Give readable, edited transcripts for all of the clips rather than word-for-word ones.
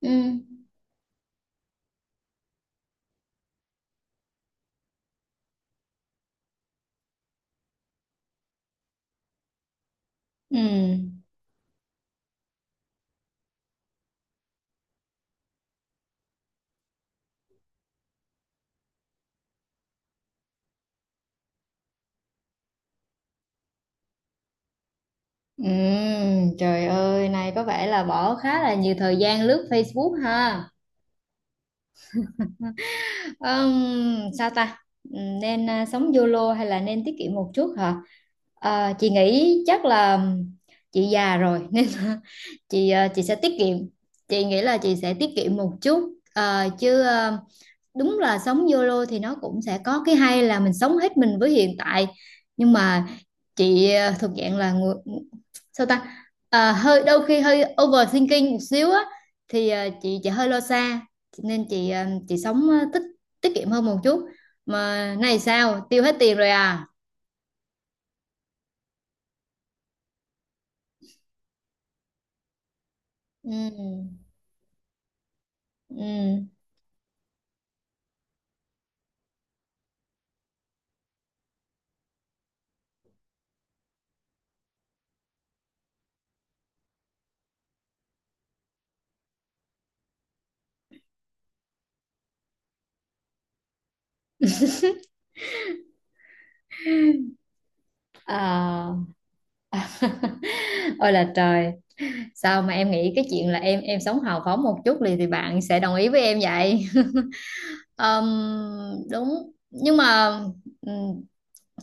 Ừ. Ừ. Ừ. Trời ơi, này có vẻ là bỏ khá là nhiều thời gian lướt Facebook ha. Sao ta? Nên sống YOLO hay là nên tiết kiệm một chút hả? À, chị nghĩ chắc là chị già rồi nên là chị sẽ tiết kiệm. Chị nghĩ là chị sẽ tiết kiệm một chút. Đúng là sống YOLO thì nó cũng sẽ có cái hay là mình sống hết mình với hiện tại. Nhưng mà chị thuộc dạng là người sao ta À, hơi đôi khi hơi overthinking một xíu á thì chị hơi lo xa nên chị sống ờ, tích tiết kiệm hơn một chút mà này sao tiêu hết tiền rồi à. Ừ. Ừ. À. Ôi là trời. Sao mà em nghĩ cái chuyện là em sống hào phóng một chút thì bạn sẽ đồng ý với em vậy? Ờm, đúng nhưng mà ừ,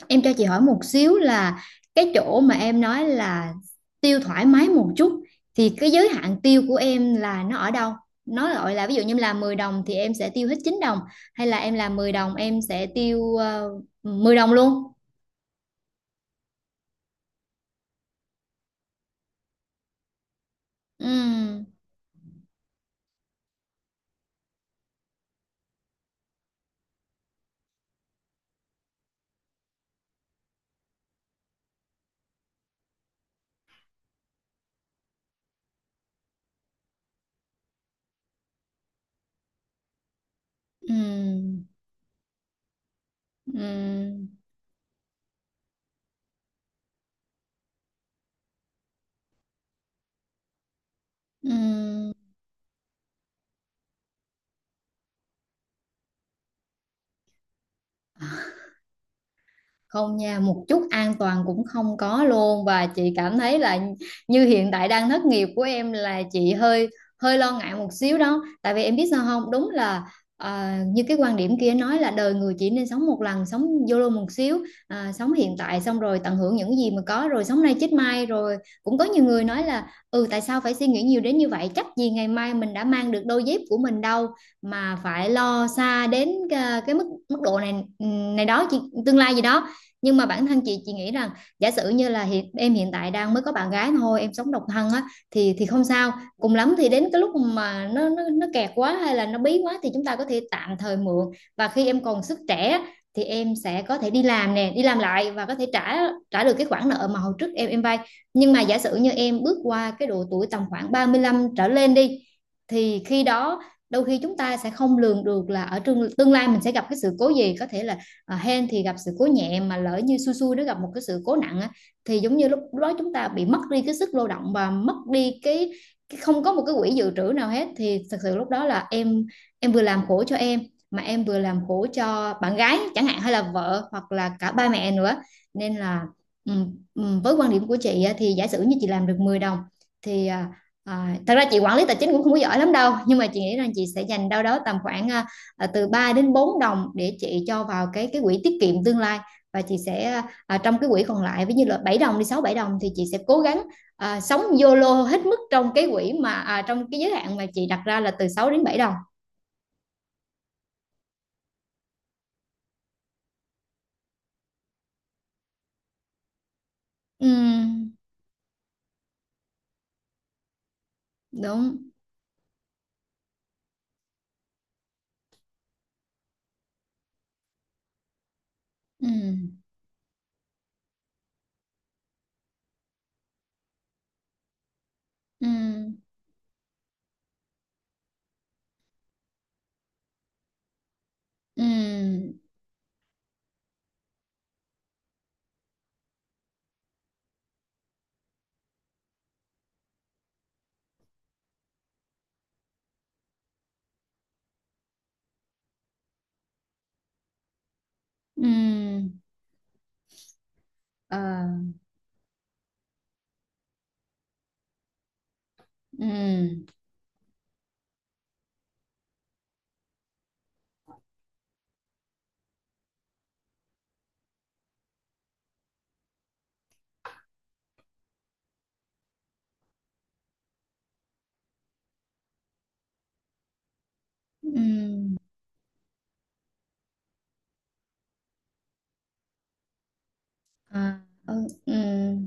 em cho chị hỏi một xíu là cái chỗ mà em nói là tiêu thoải mái một chút thì cái giới hạn tiêu của em là nó ở đâu? Nó gọi là ví dụ như em làm 10 đồng thì em sẽ tiêu hết 9 đồng hay là em làm 10 đồng em sẽ tiêu 10 đồng luôn. Ừm. Ừm. Ừm. Ừm. Không nha, một chút an toàn cũng không có luôn và chị cảm thấy là như hiện tại đang thất nghiệp của em là chị hơi hơi lo ngại một xíu đó. Tại vì em biết sao không, đúng là như cái quan điểm kia nói là đời người chỉ nên sống một lần, sống YOLO một xíu, sống hiện tại xong rồi tận hưởng những gì mà có rồi sống nay chết mai rồi cũng có nhiều người nói là ừ tại sao phải suy nghĩ nhiều đến như vậy, chắc gì ngày mai mình đã mang được đôi dép của mình đâu mà phải lo xa đến cái mức mức độ này, này đó chị, tương lai gì đó. Nhưng mà bản thân chị nghĩ rằng giả sử như là hiện tại đang mới có bạn gái thôi, em sống độc thân á, thì không sao. Cùng lắm thì đến cái lúc mà nó kẹt quá hay là nó bí quá thì chúng ta có thể tạm thời mượn và khi em còn sức trẻ á, thì em sẽ có thể đi làm nè, đi làm lại và có thể trả trả được cái khoản nợ mà hồi trước em vay. Nhưng mà giả sử như em bước qua cái độ tuổi tầm khoảng 35 trở lên đi thì khi đó đôi khi chúng ta sẽ không lường được là ở tương tương lai mình sẽ gặp cái sự cố gì. Có thể là hên thì gặp sự cố nhẹ mà lỡ như xui xui nó gặp một cái sự cố nặng á, thì giống như lúc đó chúng ta bị mất đi cái sức lao động và mất đi cái không có một cái quỹ dự trữ nào hết thì thật sự lúc đó là em vừa làm khổ cho em mà em vừa làm khổ cho bạn gái chẳng hạn hay là vợ hoặc là cả ba mẹ nữa nên là ừ. Ừ, với quan điểm của chị thì giả sử như chị làm được 10 đồng thì à, thật ra chị quản lý tài chính cũng không có giỏi lắm đâu nhưng mà chị nghĩ rằng chị sẽ dành đâu đó tầm khoảng từ 3 đến 4 đồng để chị cho vào cái quỹ tiết kiệm tương lai và chị sẽ trong cái quỹ còn lại ví như là 7 đồng đi, 6-7 đồng thì chị sẽ cố gắng sống YOLO hết mức trong cái quỹ trong cái giới hạn mà chị đặt ra là từ 6 đến 7 đồng. Ừ, đúng. Ừ. Ừ. Ừ. Ừ. À. Ừ. Ừ. À. Ừ. Ừ.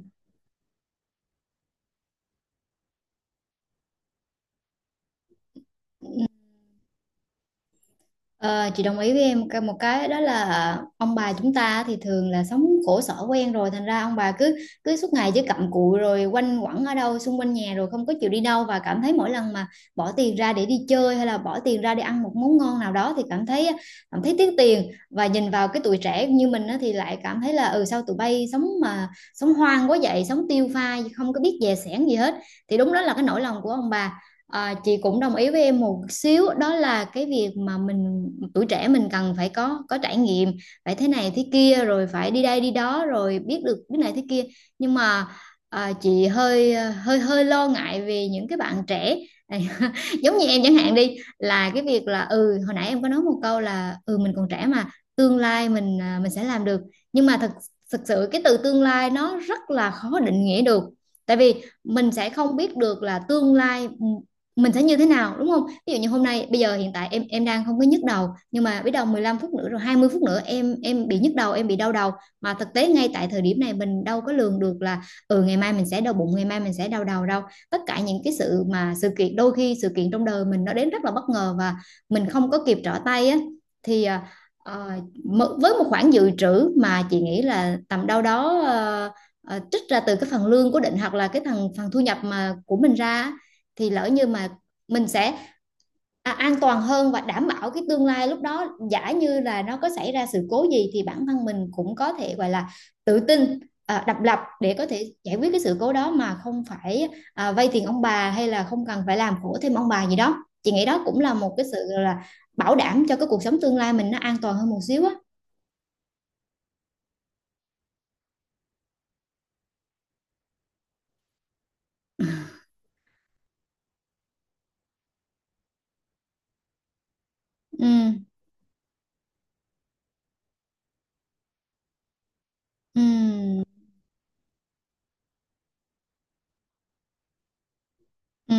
Ờ, chị đồng ý với em một cái đó là ông bà chúng ta thì thường là sống khổ sở quen rồi thành ra ông bà cứ cứ suốt ngày chỉ cặm cụi rồi quanh quẩn ở đâu xung quanh nhà rồi không có chịu đi đâu và cảm thấy mỗi lần mà bỏ tiền ra để đi chơi hay là bỏ tiền ra để ăn một món ngon nào đó thì cảm thấy tiếc tiền và nhìn vào cái tuổi trẻ như mình á, thì lại cảm thấy là ừ sao tụi bay sống mà sống hoang quá vậy, sống tiêu pha không có biết dè sẻn gì hết. Thì đúng đó là cái nỗi lòng của ông bà. À, chị cũng đồng ý với em một xíu đó là cái việc mà mình tuổi trẻ mình cần phải có trải nghiệm, phải thế này thế kia rồi phải đi đây đi đó rồi biết được cái này thế kia. Nhưng mà chị hơi hơi hơi lo ngại về những cái bạn trẻ giống như em chẳng hạn đi, là cái việc là ừ hồi nãy em có nói một câu là ừ mình còn trẻ mà tương lai mình mình sẽ làm được. Nhưng mà thực sự cái từ tương lai nó rất là khó định nghĩa được tại vì mình sẽ không biết được là tương lai mình sẽ như thế nào, đúng không? Ví dụ như hôm nay bây giờ hiện tại em đang không có nhức đầu nhưng mà biết đâu 15 phút nữa rồi 20 phút nữa em bị nhức đầu, em bị đau đầu mà thực tế ngay tại thời điểm này mình đâu có lường được là ừ ngày mai mình sẽ đau bụng, ngày mai mình sẽ đau đầu đâu. Tất cả những cái sự mà sự kiện, đôi khi sự kiện trong đời mình nó đến rất là bất ngờ và mình không có kịp trở tay á. Thì ờ, với một khoản dự trữ mà chị nghĩ là tầm đâu đó trích ra từ cái phần lương cố định hoặc là cái phần phần thu nhập mà của mình ra thì lỡ như mà mình sẽ an toàn hơn và đảm bảo cái tương lai lúc đó, giả như là nó có xảy ra sự cố gì thì bản thân mình cũng có thể gọi là tự tin, độc lập để có thể giải quyết cái sự cố đó mà không phải vay tiền ông bà hay là không cần phải làm khổ thêm ông bà gì đó. Chị nghĩ đó cũng là một cái sự là bảo đảm cho cái cuộc sống tương lai mình nó an toàn hơn một xíu á. Ừ. Ừ. Ừ,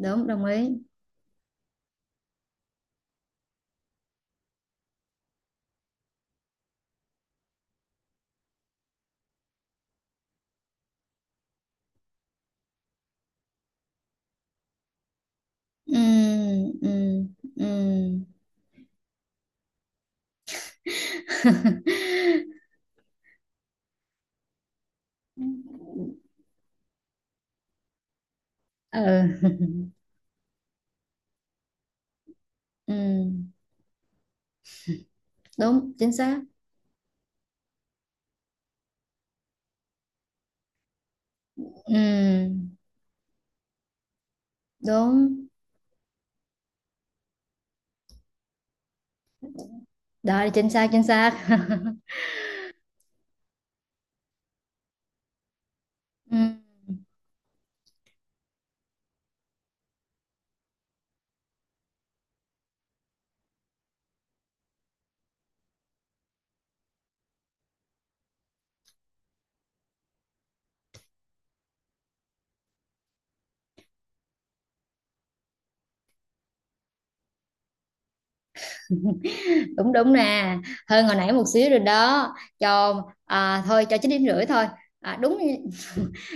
đúng, đồng ý. Ừ. Ừ. Ừ. Ừ. Ừ. Đúng chính xác. Ừ, đúng đó, chính xác chính xác. Ừ. đúng đúng nè, hơn hồi nãy một xíu rồi đó cho thôi cho 9,5 điểm thôi. À, đúng,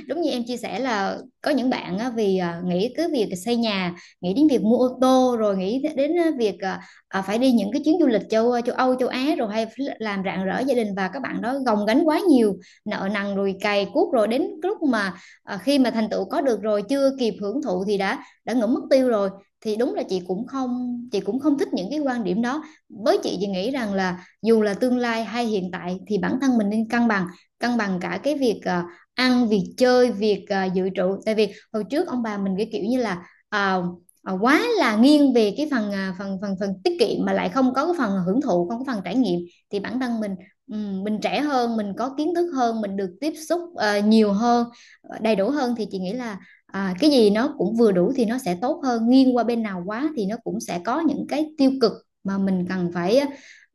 đúng như em chia sẻ là có những bạn á, nghĩ cứ việc xây nhà, nghĩ đến việc mua ô tô rồi nghĩ đến việc phải đi những cái chuyến du lịch châu châu Âu châu Á rồi hay phải làm rạng rỡ gia đình và các bạn đó gồng gánh quá nhiều nợ nần rồi cày cuốc rồi đến lúc mà khi mà thành tựu có được rồi chưa kịp hưởng thụ thì đã ngưỡng mất tiêu rồi thì đúng là chị cũng không thích những cái quan điểm đó. Với chị thì nghĩ rằng là dù là tương lai hay hiện tại thì bản thân mình nên cân bằng, cân bằng cả cái việc ăn, việc chơi, việc dự trữ tại vì hồi trước ông bà mình cái kiểu như là à, quá là nghiêng về cái phần à, phần phần phần tiết kiệm mà lại không có cái phần hưởng thụ, không có phần trải nghiệm thì bản thân mình trẻ hơn, mình có kiến thức hơn, mình được tiếp xúc nhiều hơn, ờ, đầy đủ hơn thì chị nghĩ là cái gì nó cũng vừa đủ thì nó sẽ tốt hơn, nghiêng qua bên nào quá thì nó cũng sẽ có những cái tiêu cực mà mình cần phải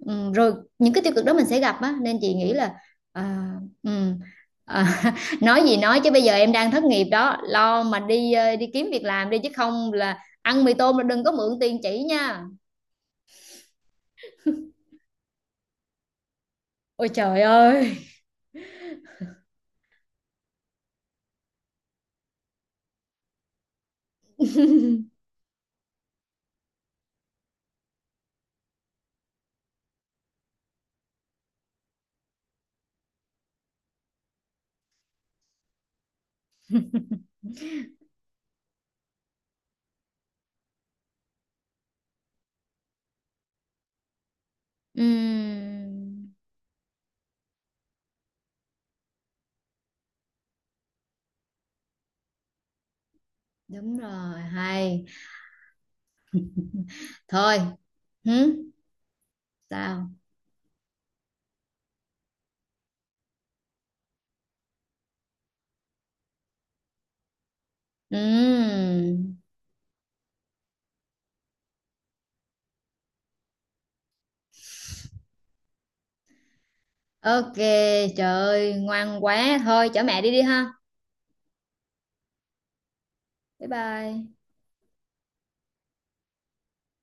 rồi những cái tiêu cực đó mình sẽ gặp á nên chị nghĩ là à, ừm, à, nói gì nói chứ bây giờ em đang thất nghiệp đó, lo mà đi đi kiếm việc làm đi chứ không là ăn mì tôm, là đừng có mượn tiền chỉ nha. Ôi trời ơi. Ừm, đúng rồi, hay. Thôi. Hứ. Sao? Ừm. OK, trời ơi ngoan quá, thôi chở mẹ đi đi ha. Bye bye.